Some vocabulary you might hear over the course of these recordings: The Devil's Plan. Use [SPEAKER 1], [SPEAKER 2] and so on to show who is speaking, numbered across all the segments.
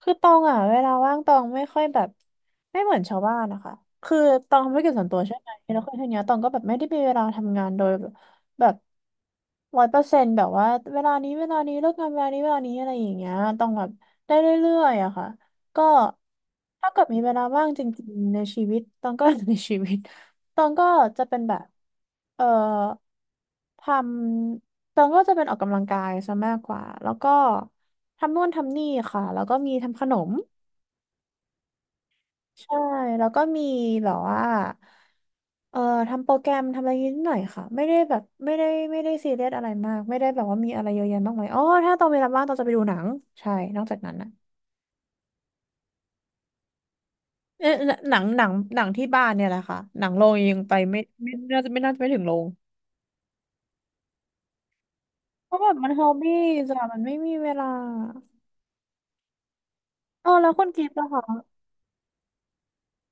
[SPEAKER 1] คือตองอ่ะเวลาว่างตองไม่ค่อยแบบไม่เหมือนชาวบ้านนะคะคือตองทำธุรกิจส่วนตัวใช่ไหมแล้วคือทีเนี้ยตองก็แบบไม่ได้มีเวลาทำงานโดยแบบ100%แบบว่าเวลานี้เวลานี้เลิกงานเวลานี้เวลานี้อะไรอย่างเงี้ยตองแบบได้เรื่อยๆอะค่ะก็ถ้าเกิดมีเวลาว่างจริงๆในชีวิตตองก็ ในชีวิตตองก็จะเป็นแบบเอ่อทำตองก็จะเป็นออกกำลังกายซะมากกว่าแล้วก็ ทำนู่นทำนี่ค่ะแล้วก็มีทำขนมใช่แล้วก็มีแบบว่าเอ่อทำโปรแกรมทำอะไรนิดหน่อยค่ะไม่ได้แบบไม่ได้ไม่ได้ซีเรียสอะไรมากไม่ได้แบบว่ามีอะไรเยอะแยะมากมายอ๋อถ้าตอนเวลาว่างตอนจะไปดูหนังใช่นอกจากนั้นนะเอ๊ะหนังที่บ้านเนี่ยแหละค่ะหนังโรงยังไปไม่น่าจะไม่ถึงโรงเพราะแบบมันฮอบบี้จ้ะมันไม่มีเวลาอ๋อแล้วคุณกิฟต์ล่ะคะ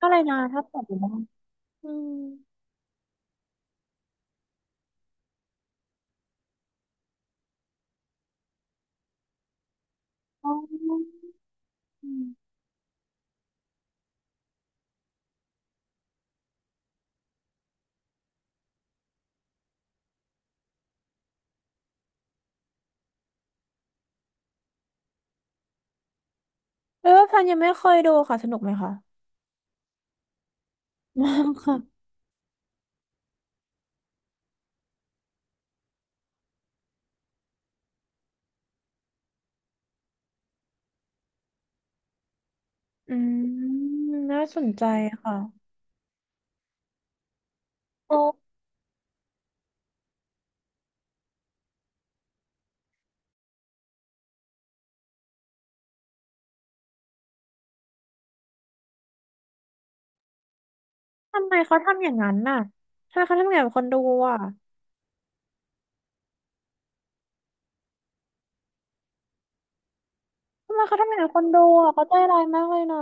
[SPEAKER 1] อะไรนะถ้าตอบอยู่บ้างอืมอ๋อ เออพันยังไม่เคยดูค่ะสนุกไหมคะมากค่ะอืมน่าสนใจค่ะโอ้ทำไมเขาทำอย่างนั้นน่ะทำไมเขาทำอย่างนั้นกับคนดูอ่ะทำไมเขาทำอย่างนั้นกับคนดูอ่ะเขาใจร้ายมากเลยนะ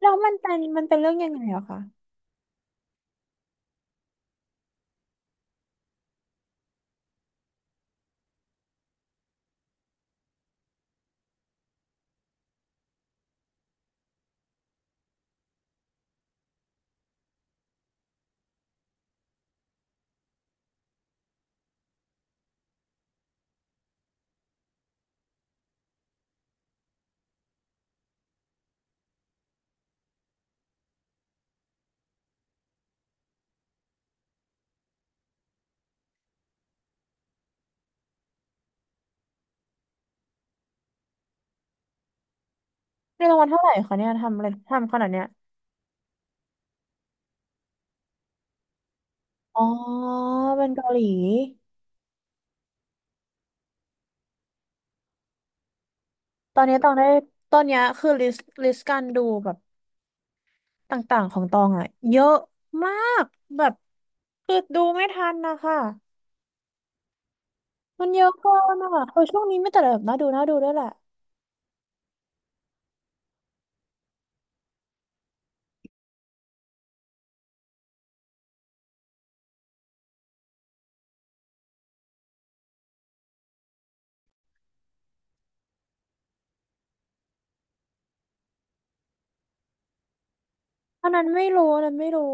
[SPEAKER 1] แล้วมันเป็นมันเป็นเรื่องยังไงอะคะในรางวัลเท่าไหร่คะเนี่ยทำอะไรทำขนาดเนี้ยอ๋อเป็นเกาหลีตอนนี้ตองได้ตอนเนี้ยคือลิสต์การดูแบบต่างๆของตองอ่ะเยอะมากแบบคือดูไม่ทันนะคะ มันเยอะเกินอ่ะเออช่วงนี้ไม่แต่แบบน่าดูน่าดูด้วยแหละอันนั้นไม่รู้อันนั้นไม่รู้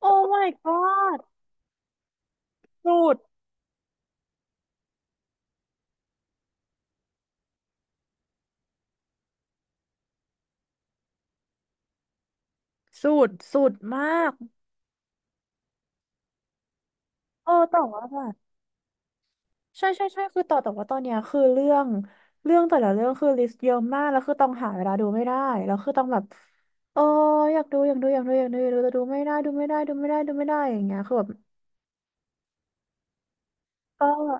[SPEAKER 1] โอ้ my god สุดสุดสุดมากเออแต่ว่าแบบใช่ใช่ใช่คือต่อแต่ว่าตอนเนี้ยคือเรื่องเรื่องแต่ละเรื่องคือลิสต์เยอะมากแล้วคือต้องหาเวลาดูไม่ได้แล้วคือต้องแบบเอออยากดูอยากดูอยากดูอยากดูอยากดูแต่ดูไม่ได้ดูไม่ได้ดูไม่ได้ดูไม่ได้อย่างเงี้ยคือแบบก็เวล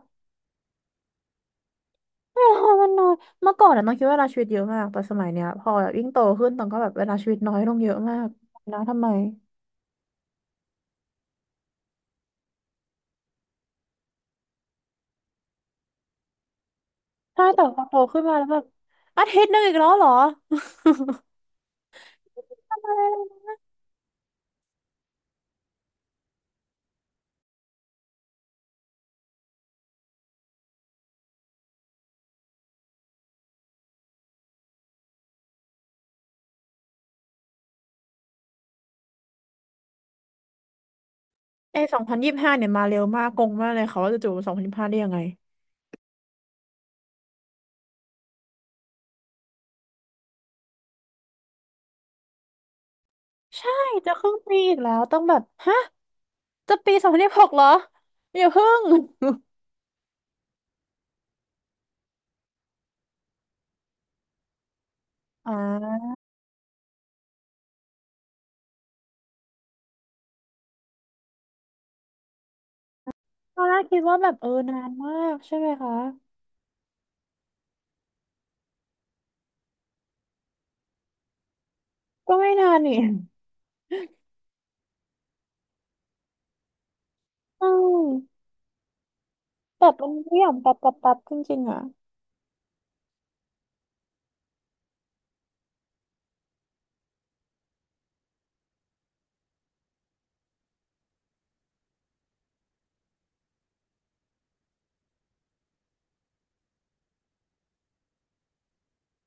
[SPEAKER 1] ามันน้อยเมื่อก่อนอะน้องคิดว่าเวลาชีวิตเยอะมากแต่สมัยเนี้ยพอแบบยิ่งโตขึ้นต้องก็แบบเวลาชีวิตน้อยลงเยอะมากนะทำไม ใช่แต่พอโตขึ้นมาแล้วแบบอาทิตย์หนึงอีกแล้วเหรอ อะไรไอ2025เนี่ยมาเร็วมากงงมากเลยเขาว่าจะจู่สองพันยี่สิบห้าได้ยังไงใช่จะครึ่งปีอีกแล้วต้องแบบฮะจะปี2026เหรออย่าเพิ่ง อ่าตอนแรกคิดว่าแบบเออนานมากใช่ไหมคะก็ไม่นานนี่อืมแบบมันไม่ยอมปรับจริงๆอ่ะ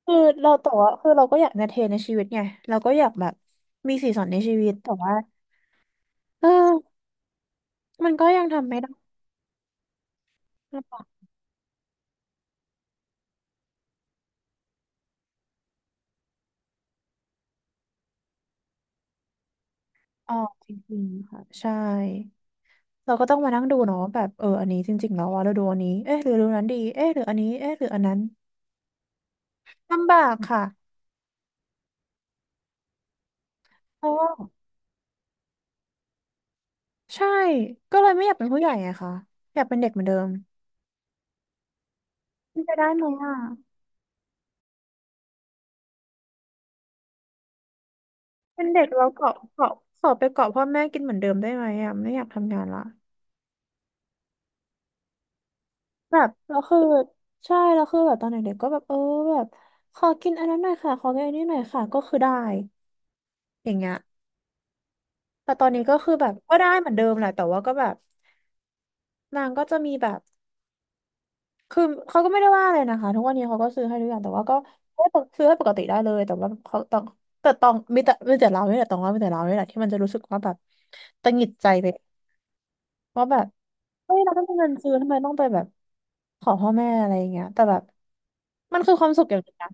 [SPEAKER 1] คือเราแต่ว่าคือเราก็อยากเอนเตอร์เทนในชีวิตไงเราก็อยากแบบมีสีสันในชีวิตแต่ว่าเออมันก็ยังทำไม่ได้ อ๋อจริงๆค่ะใช่เราก็ต้องมานั่งดูเนาะแบบเอออันนี้จริงๆแล้วว่าเราดูอันนี้เอ๊ะหรือดูนั้นดีเอ๊ะหรืออันนี้เอ๊ะหรืออันนั้นลำบากค่ะเพราะว่าใช่ก็เลยไม่อยากเป็นผู้ใหญ่ไงคะอยากเป็นเด็กเหมือนเดิมมันจะได้ไหมอ่ะเป็นเด็กเราเกาะเกาะขอไปเกาะพ่อแม่กินเหมือนเดิมได้ไหมอ่ะไม่อยากทำงานละแบบเราคือใช่เราคือแบบตอนเด็กๆก็แบบเออแบบขอกินอันนั้นหน่อยค่ะขอกินอันนี้หน่อยค่ะก็คือได้อย่างเงี้ยแต่ตอนนี้ก็คือแบบก็ได้เหมือนเดิมแหละแต่ว่าก็แบบ นางก็จะมีแบบคือเขาก็ไม่ได้ว่าอะไรนะคะทุกวันนี้เขาก็ซื้อให้ทุกอย่างแต่ว่าก็ให้ซื้อให้ปกติได้เลยแต่ว่าเขาต้องแต่ต้องมีแต่มีแต่เราเนี่ยแหละต้องว่ามีแต่เราเนี่ยแหละที่มันจะรู้สึกว่าแบบตังหงิดใจไปว่าแบบเฮ้ยเราต้องมีเงินซื้อทำไมต้องไปแบบขอพ่อแม่อะไรอย่างเงี้ยแต่แบบมันคือความสุขอย่างหนึงนะ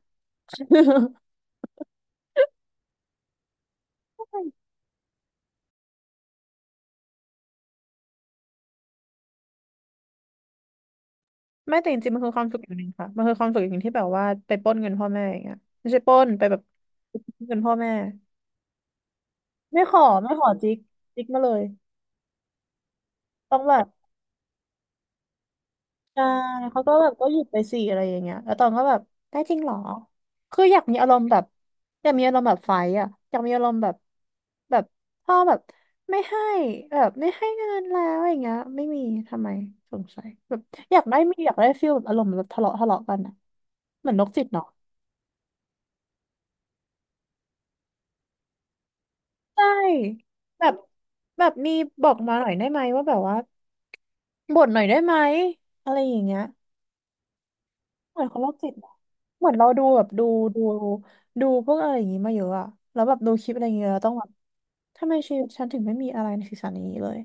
[SPEAKER 1] ไม่แต่จริงๆมันคือความสุขอย่างหนึ่งค่ะมันคือความสุขอย่างหนึ่งที่แบบว่าไปปล้นเงินพ่อแม่อย่างเงี้ยไม่ใช่ปล้นไปแบบเงินพ่อแม่ ไม่ขอไม่ขอจิกจิกมาเลยต้องแบบ ใช่เขาก็แบบก็หยุดไปสี่อะไรอย่างเงี้ยแล้วตองก็แบบได้จริงเหรอคืออยากมีอารมณ์แบบอยากมีอารมณ์แบบไฟท์อ่ะอยากมีอารมณ์แบบแบบพ่อแบบไม่ให้แบบไม่ให้เงินแล้วอย่างเงี้ยไม่มีทำไมสงสัยแบบอยากได้มีอยากได้ฟีลแบบอารมณ์แบบทะเลาะทะเลาะกันอ่ะเหมือนนกจิตเนาะใช่แบบแบบมีบอกมาหน่อยได้ไหมว่าแบบว่าบ่นหน่อยได้ไหมอะไรอย่างเงี้ย เหมือนคนโรคจิตเหอะเหมือนเราดูแบบดูดูดูพวกอะไรอย่างงี้มาเยอะอะแล้วแบบดูคลิปอะไรอย่างเงี้ยเราต้องแบบทำไมชีวิตฉันถึงไม่มีอะไรในศีรษะนี้เลย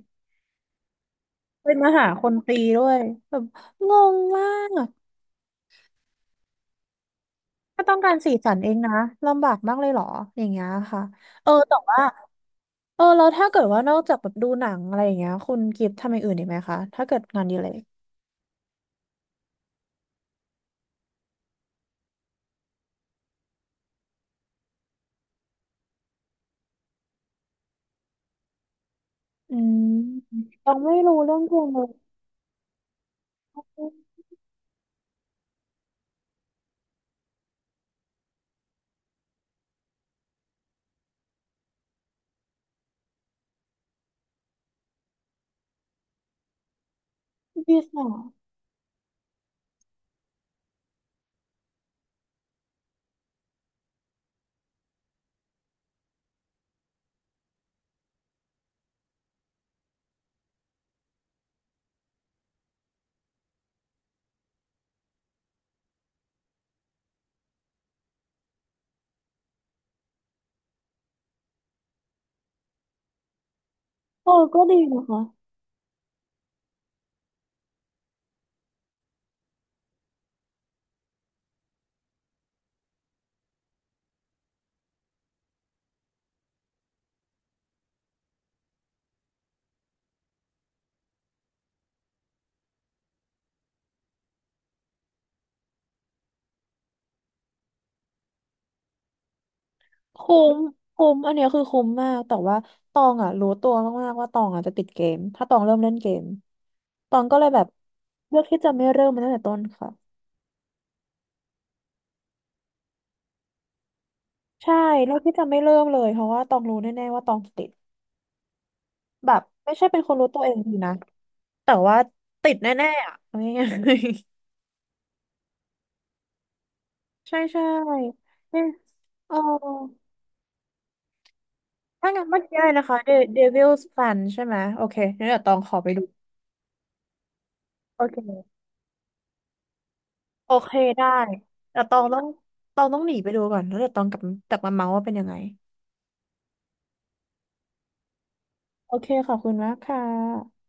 [SPEAKER 1] เป็นมาหาคนตีด้วยแบบงงมากถ้าต้องการสีสันเองนะลำบากมากเลยเหรออย่างเงี้ยค่ะเออแต่ว่าเออแล้วถ้าเกิดว่านอกจากแบบดูหนังอะไรอย่างเงี้ยคุณกิฟต์ทำอย่างอื่นอีกไหมคะถ้าเกิดงานอดีเลยอืมยังไม่รู้เรื่องเพลงเลย บิสเนสเออก็ดีนะคะ คุ้มคุ้มอันเนี้ยคือคุ้มมากแต่ว่าตองอ่ะรู้ตัวมากๆว่าตองอ่ะจะติดเกมถ้าตองเริ่มเล่นเกมตองก็เลยแบบเลือกที่จะไม่เริ่มมันตั้งแต่ต้นค่ะใช่เลือกที่จะไม่เริ่มเลยเพราะว่าตองรู้แน่ๆว่าตองจะติดแบบไม่ใช่เป็นคนรู้ตัวเองดีนะแต่ว่าติดแน่ๆอ่ะเอาง่ายๆ ใช่ใช่เนี่ยเออถ้างั้นเมื่อกี้อะไรนะคะ The Devil's Plan ใช่ไหมโอเคงั้นเดี๋ยวตองขอไปดูโอเค โอเคได้แต่ตองต้องหนีไปดูก่อนแล้วเดี๋ยวตองกลับกลับมาเมาส์ว่าเป็นยังไงโอเคขอบคุณมากค่ะ